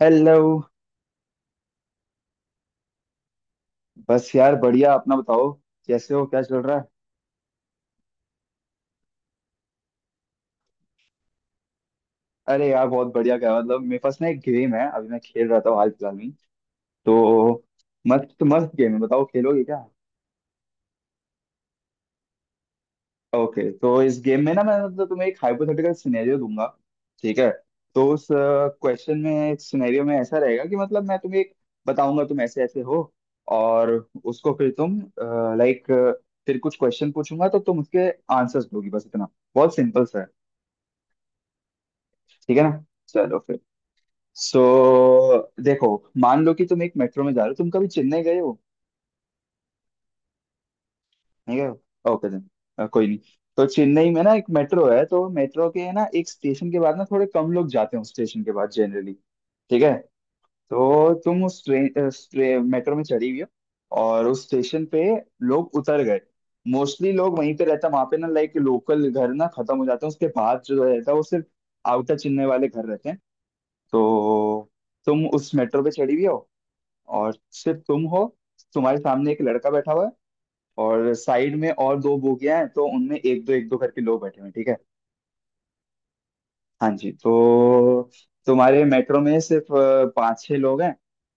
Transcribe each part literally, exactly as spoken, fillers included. Hello. बस यार बढ़िया। अपना बताओ, कैसे हो, क्या चल रहा है। अरे यार बहुत बढ़िया। क्या मतलब मेरे पास ना एक गेम है, अभी मैं खेल रहा था हाल फिलहाल में। तो मस्त मस्त गेम है, बताओ खेलोगे क्या। ओके, तो इस गेम में ना मैं मतलब तुम्हें एक हाइपोथेटिकल सिनेरियो दूंगा। ठीक है, तो उस क्वेश्चन में, सिनेरियो में ऐसा रहेगा कि मतलब मैं तुम्हें एक बताऊंगा, तुम ऐसे ऐसे हो और उसको फिर तुम, लाइक, फिर कुछ क्वेश्चन पूछूंगा तो तुम उसके आंसर्स दोगी, बस इतना, बहुत सिंपल सा है। ठीक है ना, चलो फिर। सो देखो, मान लो कि तुम एक मेट्रो में जा रहे हो, तुम कभी चेन्नई गए हो। नहीं गए हो? ओके देन, अ, कोई नहीं। तो चेन्नई में ना एक मेट्रो है, तो मेट्रो के ना एक स्टेशन के बाद ना थोड़े कम लोग जाते हैं उस स्टेशन के बाद जनरली। ठीक है। तो तुम उस ट्रेन मेट्रो में चढ़ी हुई हो और उस स्टेशन पे लोग उतर गए। मोस्टली लोग वहीं पे रहता, वहां पे ना लाइक लोकल घर ना खत्म हो जाते हैं, उसके बाद जो रहता है वो सिर्फ आउटर चेन्नई वाले घर रहते हैं। तो तुम उस मेट्रो पे चढ़ी हुई हो और सिर्फ तुम हो, तुम्हारे सामने एक लड़का बैठा हुआ है, और साइड में और दो बोगियां हैं, तो उनमें एक दो एक दो करके लोग बैठे हुए हैं, ठीक है। हाँ जी। तो तुम्हारे मेट्रो में सिर्फ अ, पाँच छह लोग हैं।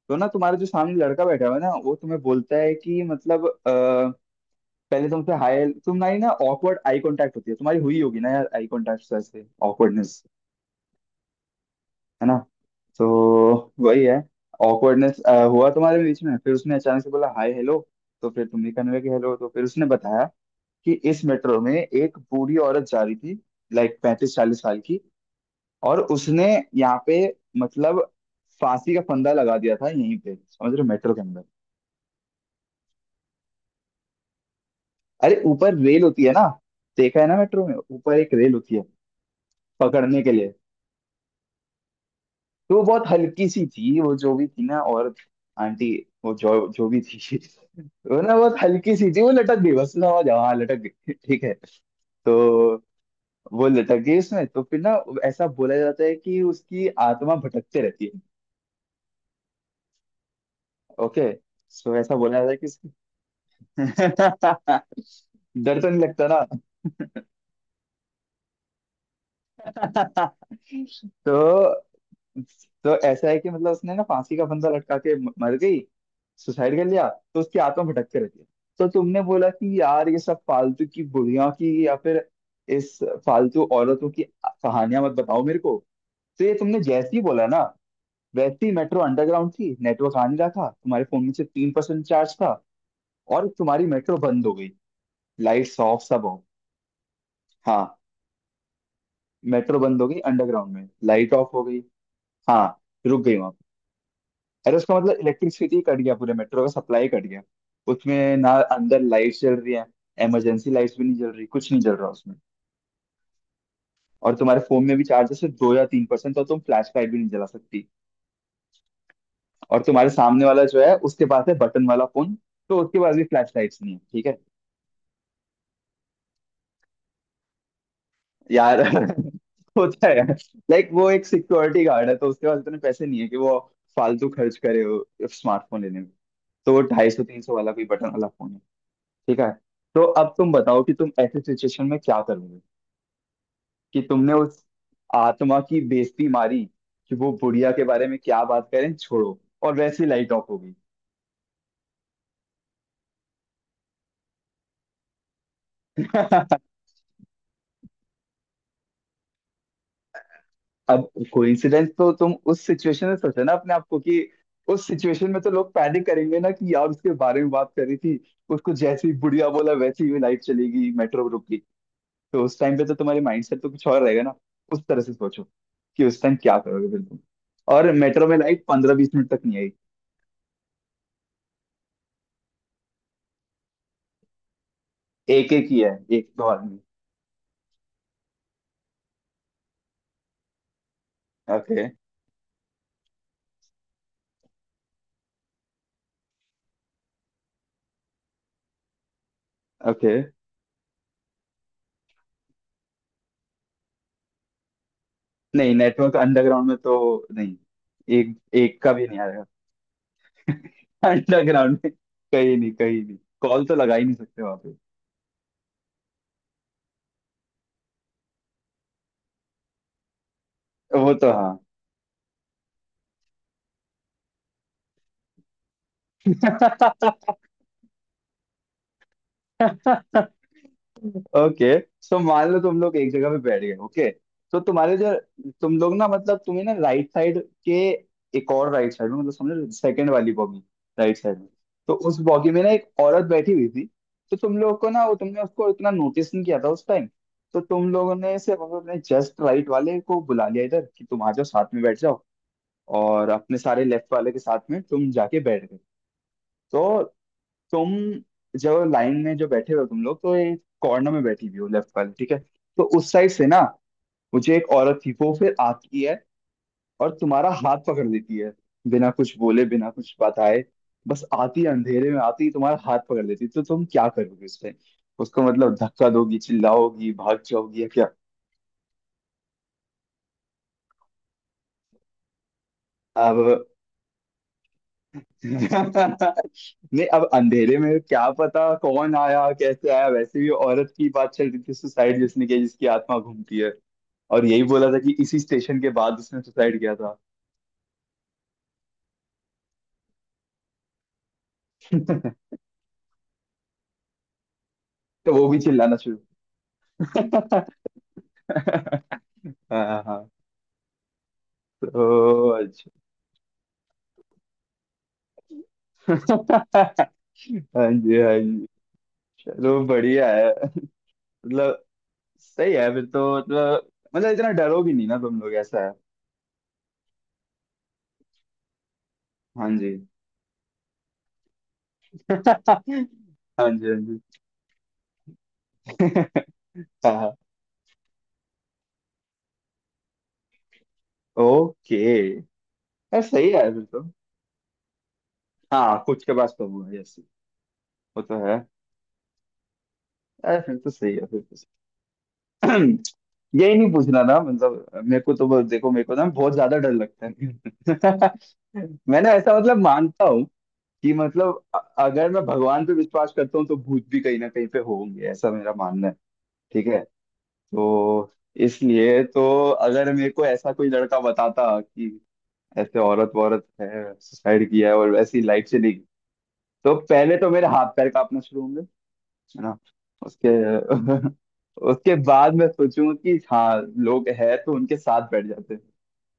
तो ना तुम्हारा जो सामने लड़का बैठा हुआ है ना, वो तुम्हें बोलता है कि मतलब, अ, पहले तुमसे हाय, तुम्हारी ना ऑकवर्ड आई कांटेक्ट होती है, तुम्हारी हुई होगी ना यार आई कांटेक्ट, ऐसे ऑकवर्डनेस, है ना। तो वही है, ऑकवर्डनेस हुआ तुम्हारे बीच में, फिर उसने अचानक से बोला हाय हेलो। तो फिर तुमने कहने लगे हेलो, तो फिर उसने बताया कि इस मेट्रो में एक बूढ़ी औरत जा रही थी, लाइक पैंतीस चालीस साल की, और उसने यहाँ पे, मतलब, फांसी का फंदा लगा दिया था यहीं पे, समझ रहे हो, मेट्रो के अंदर। अरे ऊपर रेल होती है ना, देखा है ना मेट्रो में ऊपर एक रेल होती है पकड़ने के लिए। तो वो बहुत हल्की सी थी, वो जो भी थी ना, और आंटी, वो जो जो भी थी वो ना बहुत हल्की सी थी, वो लटक गई, बस समझ जाओ, हाँ लटक गई ठीक है। तो वो लटक गई उसमें, तो फिर ना ऐसा बोला जाता है कि उसकी आत्मा भटकते रहती है। ओके, सो ऐसा बोला जाता है कि उसकी, डर तो नहीं लगता ना? तो तो ऐसा है कि मतलब उसने ना फांसी का फंदा लटका के म- मर गई, सुसाइड कर लिया। तो उसकी आत्मा भटकते रहती है। तो तुमने बोला कि यार ये सब फालतू की बुढ़िया की या फिर इस फालतू औरतों की कहानियां मत बताओ मेरे को। तो ये तुमने जैसे ही बोला ना, वैसे ही मेट्रो अंडरग्राउंड थी, नेटवर्क आ नहीं रहा था, तुम्हारे फोन में से तीन परसेंट चार्ज था, और तुम्हारी मेट्रो बंद हो गई, लाइट्स ऑफ, सब ऑफ। हाँ, मेट्रो बंद हो गई, अंडरग्राउंड में लाइट ऑफ हो गई। हाँ, रुक गई वहां। अरे उसका मतलब इलेक्ट्रिसिटी कट गया, पूरे मेट्रो का सप्लाई कट गया उसमें ना, अंदर लाइट जल रही है, इमरजेंसी लाइट्स भी नहीं जल रही, कुछ नहीं जल रहा उसमें। और तुम्हारे फोन में भी चार्जर सिर्फ दो या तीन परसेंट, तो तुम फ्लैश लाइट भी नहीं जला सकती। और तुम्हारे सामने वाला जो है उसके पास है बटन वाला फोन, तो उसके पास भी फ्लैश लाइट्स नहीं है, ठीक है। यार होता है, लाइक वो एक सिक्योरिटी गार्ड है, तो उसके पास इतने पैसे नहीं है कि वो फालतू खर्च करे स्मार्टफोन लेने में। तो वो ढाई सौ तीन सौ वाला कोई बटन वाला फोन, ठीक है। तो अब तुम बताओ कि तुम ऐसे सिचुएशन में क्या करोगे, कि तुमने उस आत्मा की बेइज्जती मारी कि वो, बुढ़िया के बारे में क्या बात करें, छोड़ो, और वैसे ही लाइट ऑफ होगी। अब कोइंसिडेंस तो तुम उस सिचुएशन में सोचो ना अपने आप को कि उस सिचुएशन में तो लोग पैनिक करेंगे ना कि यार उसके बारे में बात करी थी, उसको जैसे ही बुढ़िया बोला वैसे ही लाइट चली गई, मेट्रो रुकी। तो उस टाइम पे तो तुम्हारे माइंडसेट तो कुछ और रहेगा ना, उस तरह से सोचो कि उस टाइम क्या करोगे फिर तुम। और मेट्रो में लाइट पंद्रह बीस मिनट तक नहीं आई। एक एक ही है, एक दो आदमी। ओके। ओके। नहीं, नेटवर्क अंडरग्राउंड में तो नहीं, एक एक का भी नहीं आएगा। अंडरग्राउंड में कहीं नहीं, कहीं नहीं, कॉल तो लगा ही नहीं सकते वहां पे। वो तो हाँ। ओके, सो मान लो तुम लोग एक जगह पे बैठ गए, ओके। तो तुम्हारे जो, तुम लोग ना, मतलब तुम्हें ना राइट साइड के, एक और राइट साइड में, मतलब समझो सेकंड वाली बॉगी राइट साइड में। तो उस बॉगी में ना एक औरत बैठी हुई थी, तो तुम लोग को ना वो, तुमने उसको इतना नोटिस नहीं किया था उस टाइम। तो तुम लोगों ने सिर्फ अपने जस्ट राइट वाले को बुला लिया इधर कि तुम आ जाओ साथ में बैठ जाओ, और अपने सारे लेफ्ट वाले के साथ में तुम जाके बैठ गए। तो तुम जो लाइन में जो बैठे हो तुम लोग, तो एक कॉर्नर में बैठी हुई हो लेफ्ट वाले, ठीक है। तो उस साइड से ना मुझे एक औरत थी, वो फिर आती है और तुम्हारा हाथ पकड़ लेती है, बिना कुछ बोले, बिना कुछ बताए, बस आती है, अंधेरे में आती है, तुम्हारा हाथ पकड़ लेती है। तो तुम क्या करोगे उस टाइम, उसको मतलब धक्का दोगी, चिल्लाओगी, भाग जाओगी, या क्या। अब नहीं, अब अंधेरे में क्या पता कौन आया कैसे आया, वैसे भी औरत की बात चल रही थी, सुसाइड जिसने किया, जिसकी आत्मा घूमती है, और यही बोला था कि इसी स्टेशन के बाद उसने सुसाइड किया था। तो वो भी चिल्लाना शुरू हाँ हाँ। तो अच्छा हाँ जी, हाँ जी। चलो बढ़िया है, मतलब, सही है फिर तो, मतलब, मतलब इतना डरो भी नहीं ना तुम लोग, ऐसा है। हाँ जी हाँ जी, हाँ जी हाँ, ओके। यार सही है फिर तो। हाँ कुछ के पास तो वो है, ऐसी, वो तो है। यार फिर तो सही है, फिर तो यही नहीं पूछना था मतलब मेरे को तो बस- देखो, मेरे को ना बहुत ज्यादा डर लगता है मैंने ऐसा, मतलब, मानता हूँ कि, मतलब, अ- अगर मैं भगवान पे विश्वास करता हूँ तो भूत भी कहीं ना कहीं पे होंगे, ऐसा मेरा मानना है। ठीक है, तो इसलिए तो, अगर मेरे को ऐसा कोई लड़का बताता कि ऐसे औरत वौरत है, सुसाइड किया है और ऐसी लाइफ से नहीं, तो पहले तो मेरे हाथ पैर कांपना शुरू होंगे, है ना। उसके उसके बाद मैं सोचूंगा कि हाँ लोग है तो उनके साथ बैठ जाते हैं।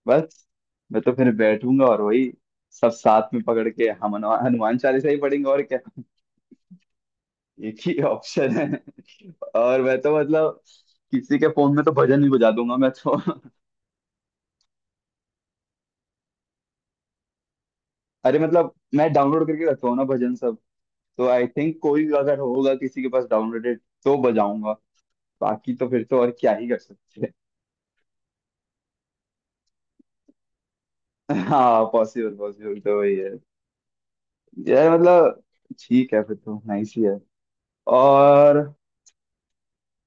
बस। मैं तो फिर बैठूंगा और वही सब साथ में पकड़ के हम हनुमान हनुमान चालीसा ही पढ़ेंगे और क्या एक ही ऑप्शन है। और मैं तो, मतलब, किसी के फोन में तो भजन ही बजा दूंगा मैं तो अरे मतलब मैं डाउनलोड करके रखता हूँ ना भजन सब, तो आई थिंक कोई अगर होगा किसी के पास डाउनलोडेड तो बजाऊंगा। बाकी तो फिर तो और क्या ही कर सकते हैं। हाँ, पॉसिबल, पॉसिबल तो वही है। यार मतलब ठीक है फिर तो, नाइस ही है। और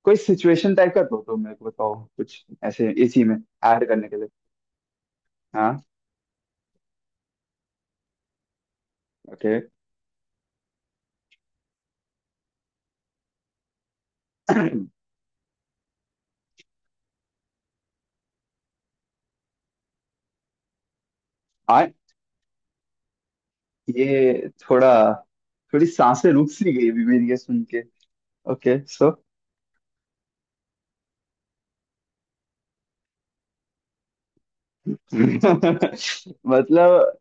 कोई सिचुएशन टाइप का दो तो मेरे को बताओ, कुछ ऐसे इसी में ऐड करने के लिए। हाँ, ओके। आ ये थोड़ा, थोड़ी सांसें रुक सी गई अभी मेरी ये सुन के, ओके सो मतलब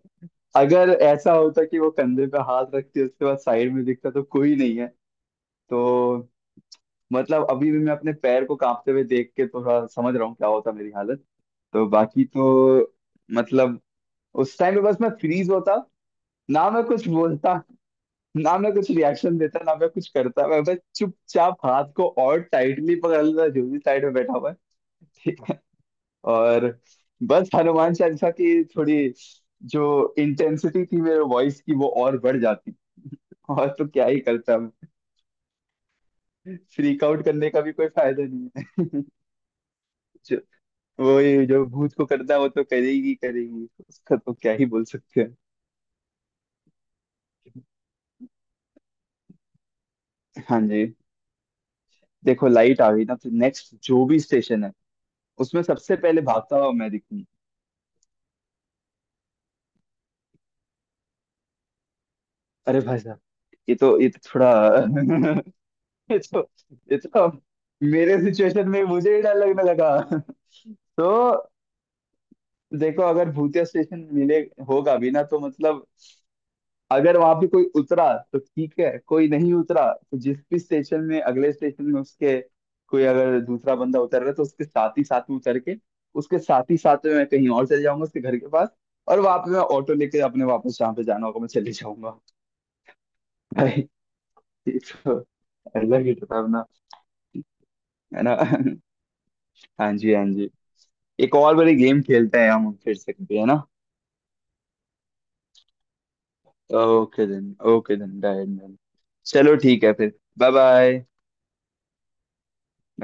अगर ऐसा होता कि वो कंधे पे हाथ रखती उसके बाद साइड में दिखता तो कोई नहीं है, तो, मतलब, अभी भी मैं अपने पैर को कांपते हुए देख के थोड़ा समझ रहा हूँ क्या होता मेरी हालत। तो बाकी तो, मतलब, उस टाइम पे बस मैं फ्रीज होता, ना मैं कुछ बोलता, ना मैं कुछ रिएक्शन देता, ना मैं कुछ करता, मैं बस चुपचाप हाथ को और टाइटली पकड़ लेता जो भी साइड में बैठा हुआ है ठीक है। और बस हनुमान चालीसा की थोड़ी जो इंटेंसिटी थी मेरे वॉइस की वो और बढ़ जाती, और तो क्या ही करता मैं, फ्रीक आउट करने का भी कोई फायदा नहीं है। वही, जो भूत को करता है वो तो करेगी करेगी, उसका तो क्या ही बोल सकते हैं। हाँ जी, देखो लाइट आ गई ना तो नेक्स्ट जो भी स्टेशन है उसमें सबसे पहले भागता हुआ मैं दिखूं। अरे भाई साहब, ये तो ये तो थोड़ा ये तो ये तो मेरे सिचुएशन में मुझे ही डर लगने लगा तो देखो, अगर भूतिया स्टेशन मिले होगा भी ना, तो मतलब अगर वहां पे कोई उतरा तो ठीक है, कोई नहीं उतरा तो जिस भी स्टेशन में, अगले स्टेशन में उसके, कोई अगर दूसरा बंदा उतर रहा है तो उसके साथ ही साथ में उतर के, उसके साथ ही साथ में मैं कहीं और चले जाऊंगा उसके घर के पास। और वहां पे मैं ऑटो लेके अपने वापस जहाँ पे जाना होगा मैं चले जाऊंगा, भाई। ये तो अलग ही डरावना है ना हाँ जी, हाँ जी। एक और बड़ी गेम खेलते हैं हम फिर से कभी, है ना। Okay then, okay then, done done, चलो ठीक है फिर। Bye bye.